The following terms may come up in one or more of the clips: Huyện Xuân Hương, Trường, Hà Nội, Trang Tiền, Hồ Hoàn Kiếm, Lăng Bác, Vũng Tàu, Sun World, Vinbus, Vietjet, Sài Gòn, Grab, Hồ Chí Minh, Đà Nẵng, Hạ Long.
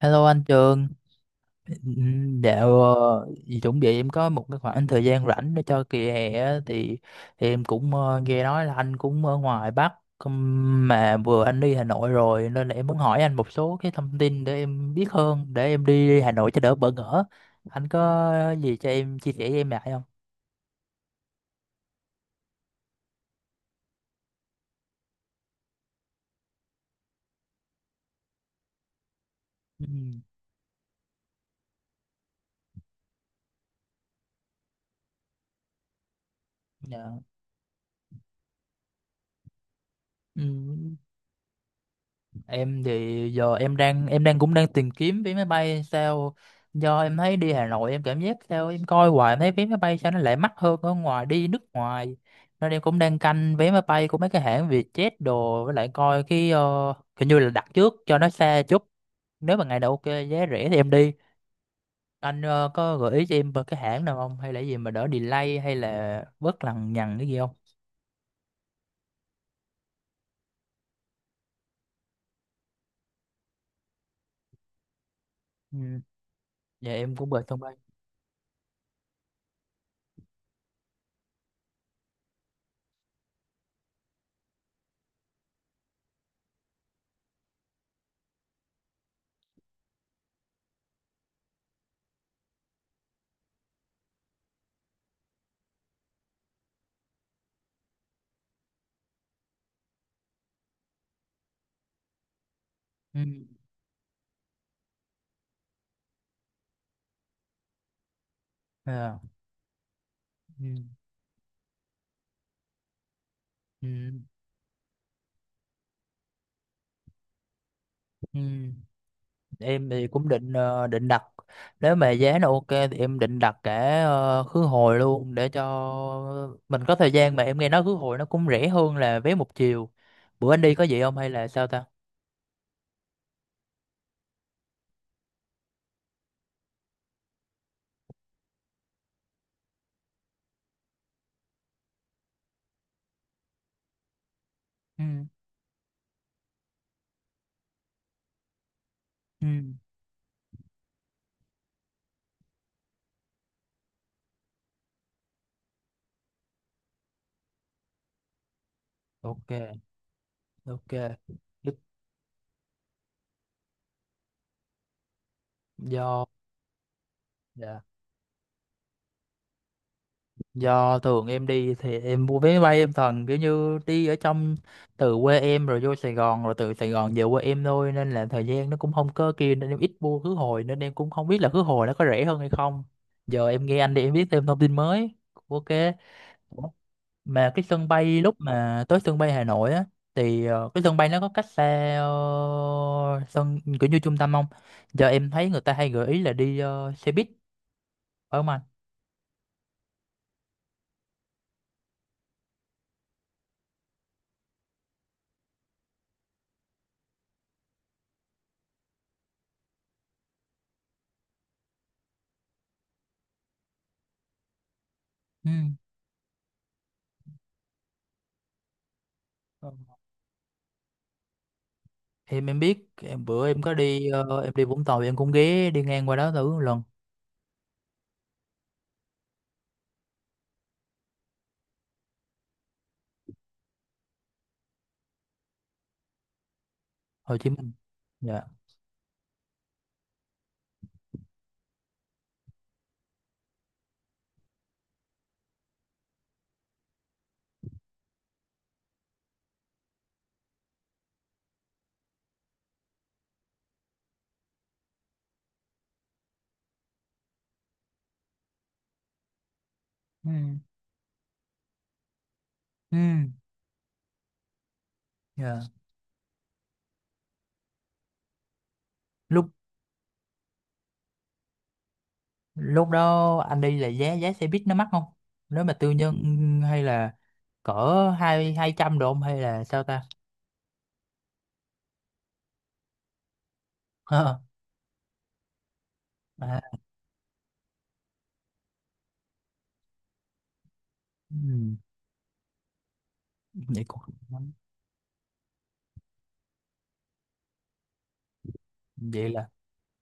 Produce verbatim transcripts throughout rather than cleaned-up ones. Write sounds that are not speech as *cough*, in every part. Hello anh Trường. Ừm, dạo ờ, Chuẩn bị em có một cái khoảng thời gian rảnh để cho kỳ hè á, thì, thì em cũng ờ, nghe nói là anh cũng ở ngoài Bắc ừm, mà vừa anh đi Hà Nội rồi, nên là em muốn hỏi anh một số cái thông tin để em biết hơn, để em đi Hà Nội cho đỡ bỡ ngỡ. Anh có gì cho em chia sẻ với em lại không? Ừm, dạ. Ừm, Em thì giờ em đang em đang cũng đang tìm kiếm vé máy bay, sao do em thấy đi Hà Nội em cảm giác sao, em coi hoài em thấy vé máy bay sao nó lại mắc hơn ở ngoài đi nước ngoài, nên em cũng đang canh vé máy bay của mấy cái hãng Vietjet đồ, với lại coi cái ờ, hình như là đặt trước cho nó xa chút, nếu mà ngày đầu ok, giá rẻ thì em đi. Anh ờ, có gợi ý cho em về cái hãng nào không, hay là gì mà đỡ delay hay là bớt lằng nhằng cái gì không? Ừ. Dạ em cũng về sân bay. Ừ. À. Ừ. Ừ. Ừ. Em thì cũng định ờ, định đặt, nếu mà giá nó ok thì em định đặt cả ờ, khứ hồi luôn để cho mình có thời gian, mà em nghe nói khứ hồi nó cũng rẻ hơn là vé một chiều. Bữa anh đi có vậy không hay là sao ta? Ừ. Ừ. Ok. Ok. Đức. Do. Dạ. Do thường em đi thì em mua vé máy bay em toàn kiểu như đi ở trong, từ quê em rồi vô Sài Gòn rồi từ Sài Gòn về quê em thôi, nên là thời gian nó cũng không có kia, nên em ít mua khứ hồi nên em cũng không biết là khứ hồi nó có rẻ hơn hay không. Giờ em nghe anh đi em biết thêm thông tin mới. Ok. Ủa, mà cái sân bay lúc mà tới sân bay Hà Nội á, thì ờ, cái sân bay nó có cách xa ờ, sân kiểu như trung tâm không? Giờ em thấy người ta hay gợi ý là đi ờ, xe buýt, phải không anh? Ừ. em em biết, em bữa em có đi ờ, em đi Vũng Tàu thì em cũng ghé đi ngang qua đó thử một lần. Hồ Chí Minh. Dạ. Ừ. Ừ. Dạ. Lúc lúc đó anh đi là giá giá xe buýt nó mắc không, nếu mà tư nhân, hay là cỡ hai hai trăm độ không hay là sao ta? *laughs* à, ừ, vậy cũng, vậy là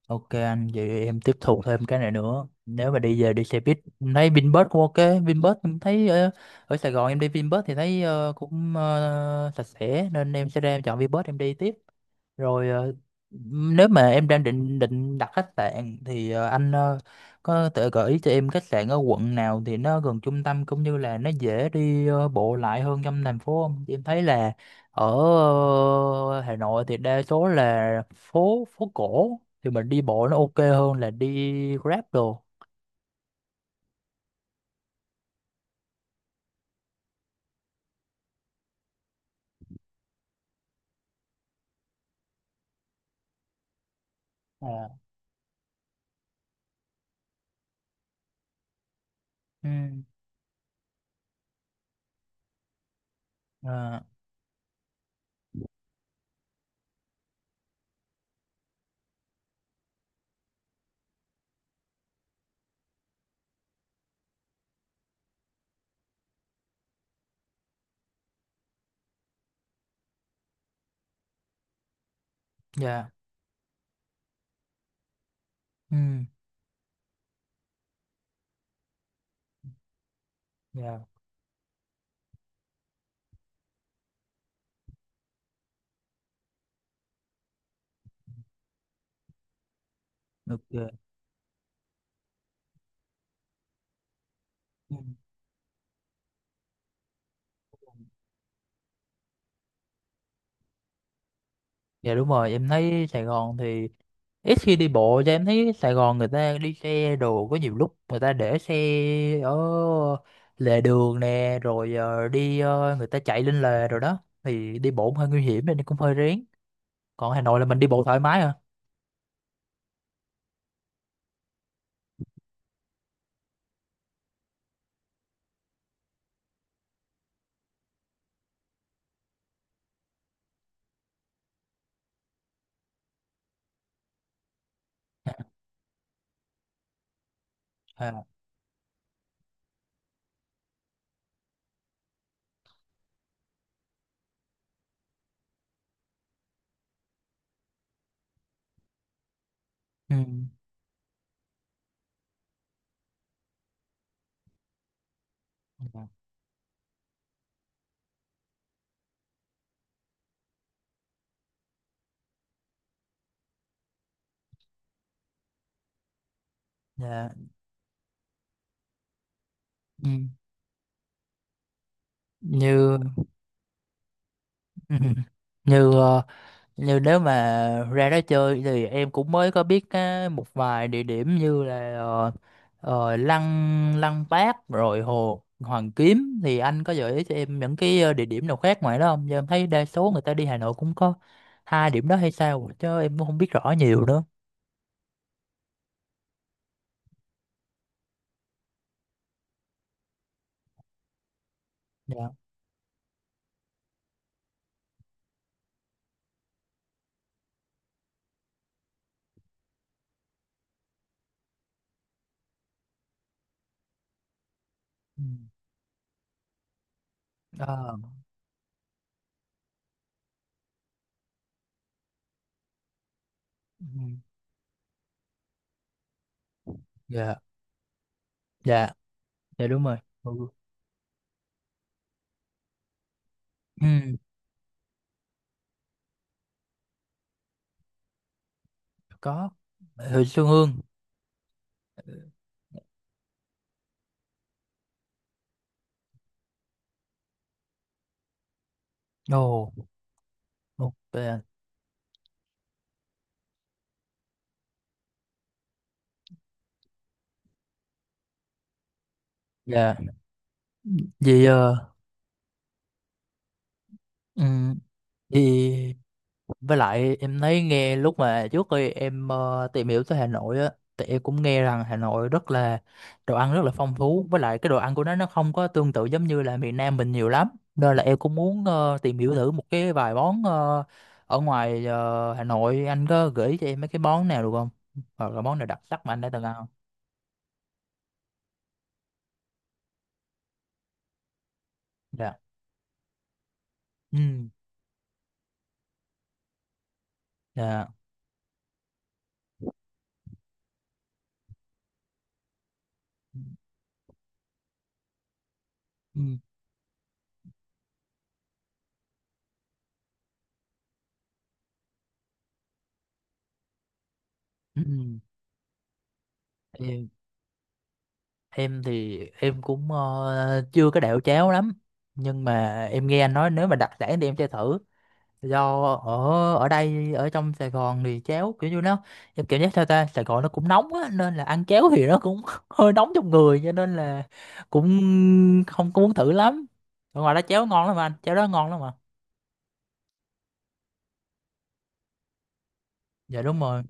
ok anh, vậy em tiếp thu thêm cái này nữa. Nếu mà đi về đi xe buýt, em thấy Vinbus cũng ok. Vinbus em thấy ở, ở Sài Gòn em đi Vinbus thì thấy ờ, cũng ờ, sạch sẽ nên em sẽ ra em chọn Vinbus em đi tiếp. Rồi ờ, Nếu mà em đang định định đặt khách sạn thì ờ, anh ờ, có thể gợi ý cho em khách sạn ở quận nào thì nó gần trung tâm, cũng như là nó dễ đi ờ, bộ lại hơn trong thành phố không? Em thấy là ở ờ, Hà Nội thì đa số là phố phố cổ, thì mình đi bộ nó ok hơn là đi Grab đồ. À. Ừ. À. Dạ. Ừ. Dạ. Ok. Ừ. Dạ đúng rồi, em thấy Sài Gòn thì ít khi đi bộ, cho em thấy Sài Gòn người ta đi xe đồ, có nhiều lúc người ta để xe ở lề đường nè, rồi ờ, đi ờ, người ta chạy lên lề rồi đó, thì đi bộ cũng hơi nguy hiểm nên cũng hơi rén. Còn Hà Nội là mình đi bộ thoải mái à. À. Ừ. Dạ. Dạ. Ừ. Như. *laughs* như ờ, Như nếu mà ra đó chơi thì em cũng mới có biết á, một vài địa điểm như là ờ, ờ, Lăng Lăng Bác rồi Hồ Hoàn Kiếm, thì anh có gợi ý cho em những cái ờ, địa điểm nào khác ngoài đó không? Giờ em thấy đa số người ta đi Hà Nội cũng có hai điểm đó hay sao chứ em cũng không biết rõ nhiều nữa. Dạ. Ừ. Ờ. Ừ. Dạ. Dạ. Dạ đúng rồi. Ừ. Ừ. Có. Huyện Xuân Hương. Ồ. Ok. Dạ. Vì ờ, ừ. Vì Với lại em thấy nghe lúc mà trước khi em ờ, tìm hiểu tới Hà Nội á, thì em cũng nghe rằng Hà Nội rất là, đồ ăn rất là phong phú, với lại cái đồ ăn của nó nó không có tương tự giống như là miền Nam mình nhiều lắm. Nên là em cũng muốn ờ, tìm hiểu thử một cái vài món ờ, ở ngoài ờ, Hà Nội, anh có gửi cho em mấy cái món nào được không? Hoặc là món nào đặc sắc mà anh đã từng ăn không? Dạ. Ừ. Dạ. Ừ. Ừ. Ừ. Em thì em cũng ờ, chưa có đẹo chéo lắm, nhưng mà em nghe anh nói nếu mà đặc sản thì em chơi thử, do ở, ở đây ở trong Sài Gòn thì chéo kiểu như nó, em cảm giác sao ta, Sài Gòn nó cũng nóng á nên là ăn chéo thì nó cũng *laughs* hơi nóng trong người, cho nên là cũng không có muốn thử lắm. Ở ngoài đó chéo ngon lắm anh, chéo đó ngon lắm mà. Dạ đúng rồi.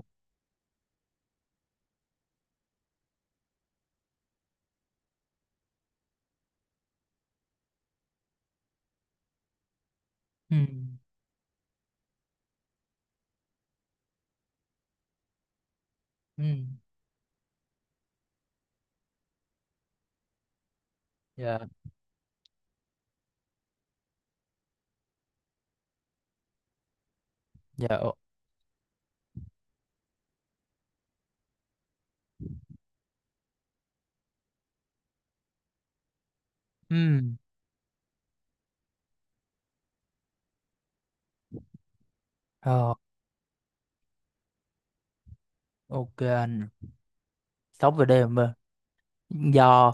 Ừ. Ừ. Dạ. Dạ. Ừ. Ờ. Ok anh, sống về đêm mà. Do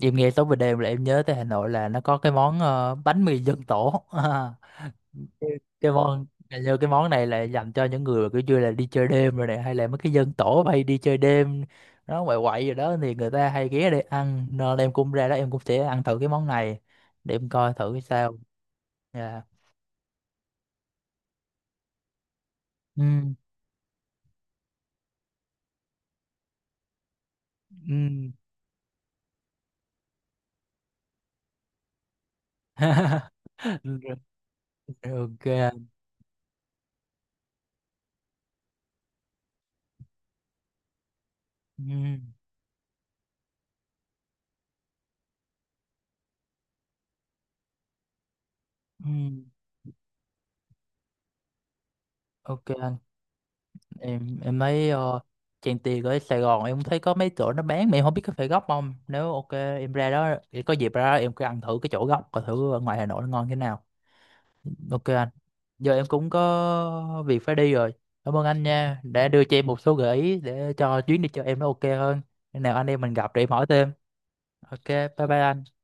em nghe tối về đêm là em nhớ tới Hà Nội là nó có cái món ờ, bánh mì dân tổ. *laughs* À, cái cái món, hình như cái món này là dành cho những người mà kiểu như là đi chơi đêm rồi này, hay là mấy cái dân tổ hay đi chơi đêm, nó quậy quậy rồi đó, thì người ta hay ghé để ăn, nên em cũng ra đó em cũng sẽ ăn thử cái món này để em coi thử cái sao. Dạ. Ừ. Ừ. *laughs* Ok. Ừ. Ừ. Ok. Em em thấy uh, Trang Tiền ở Sài Gòn em cũng thấy có mấy chỗ nó bán mà em không biết có phải gốc không, nếu ok em ra đó thì có dịp ra đó em cứ ăn thử cái chỗ gốc coi thử ở ngoài Hà Nội nó ngon thế nào. Ok anh, giờ em cũng có việc phải đi rồi. Cảm ơn anh nha, đã đưa cho em một số gợi ý để cho chuyến đi cho em nó ok hơn. Khi nào anh em mình gặp để em hỏi thêm. Ok, bye bye anh.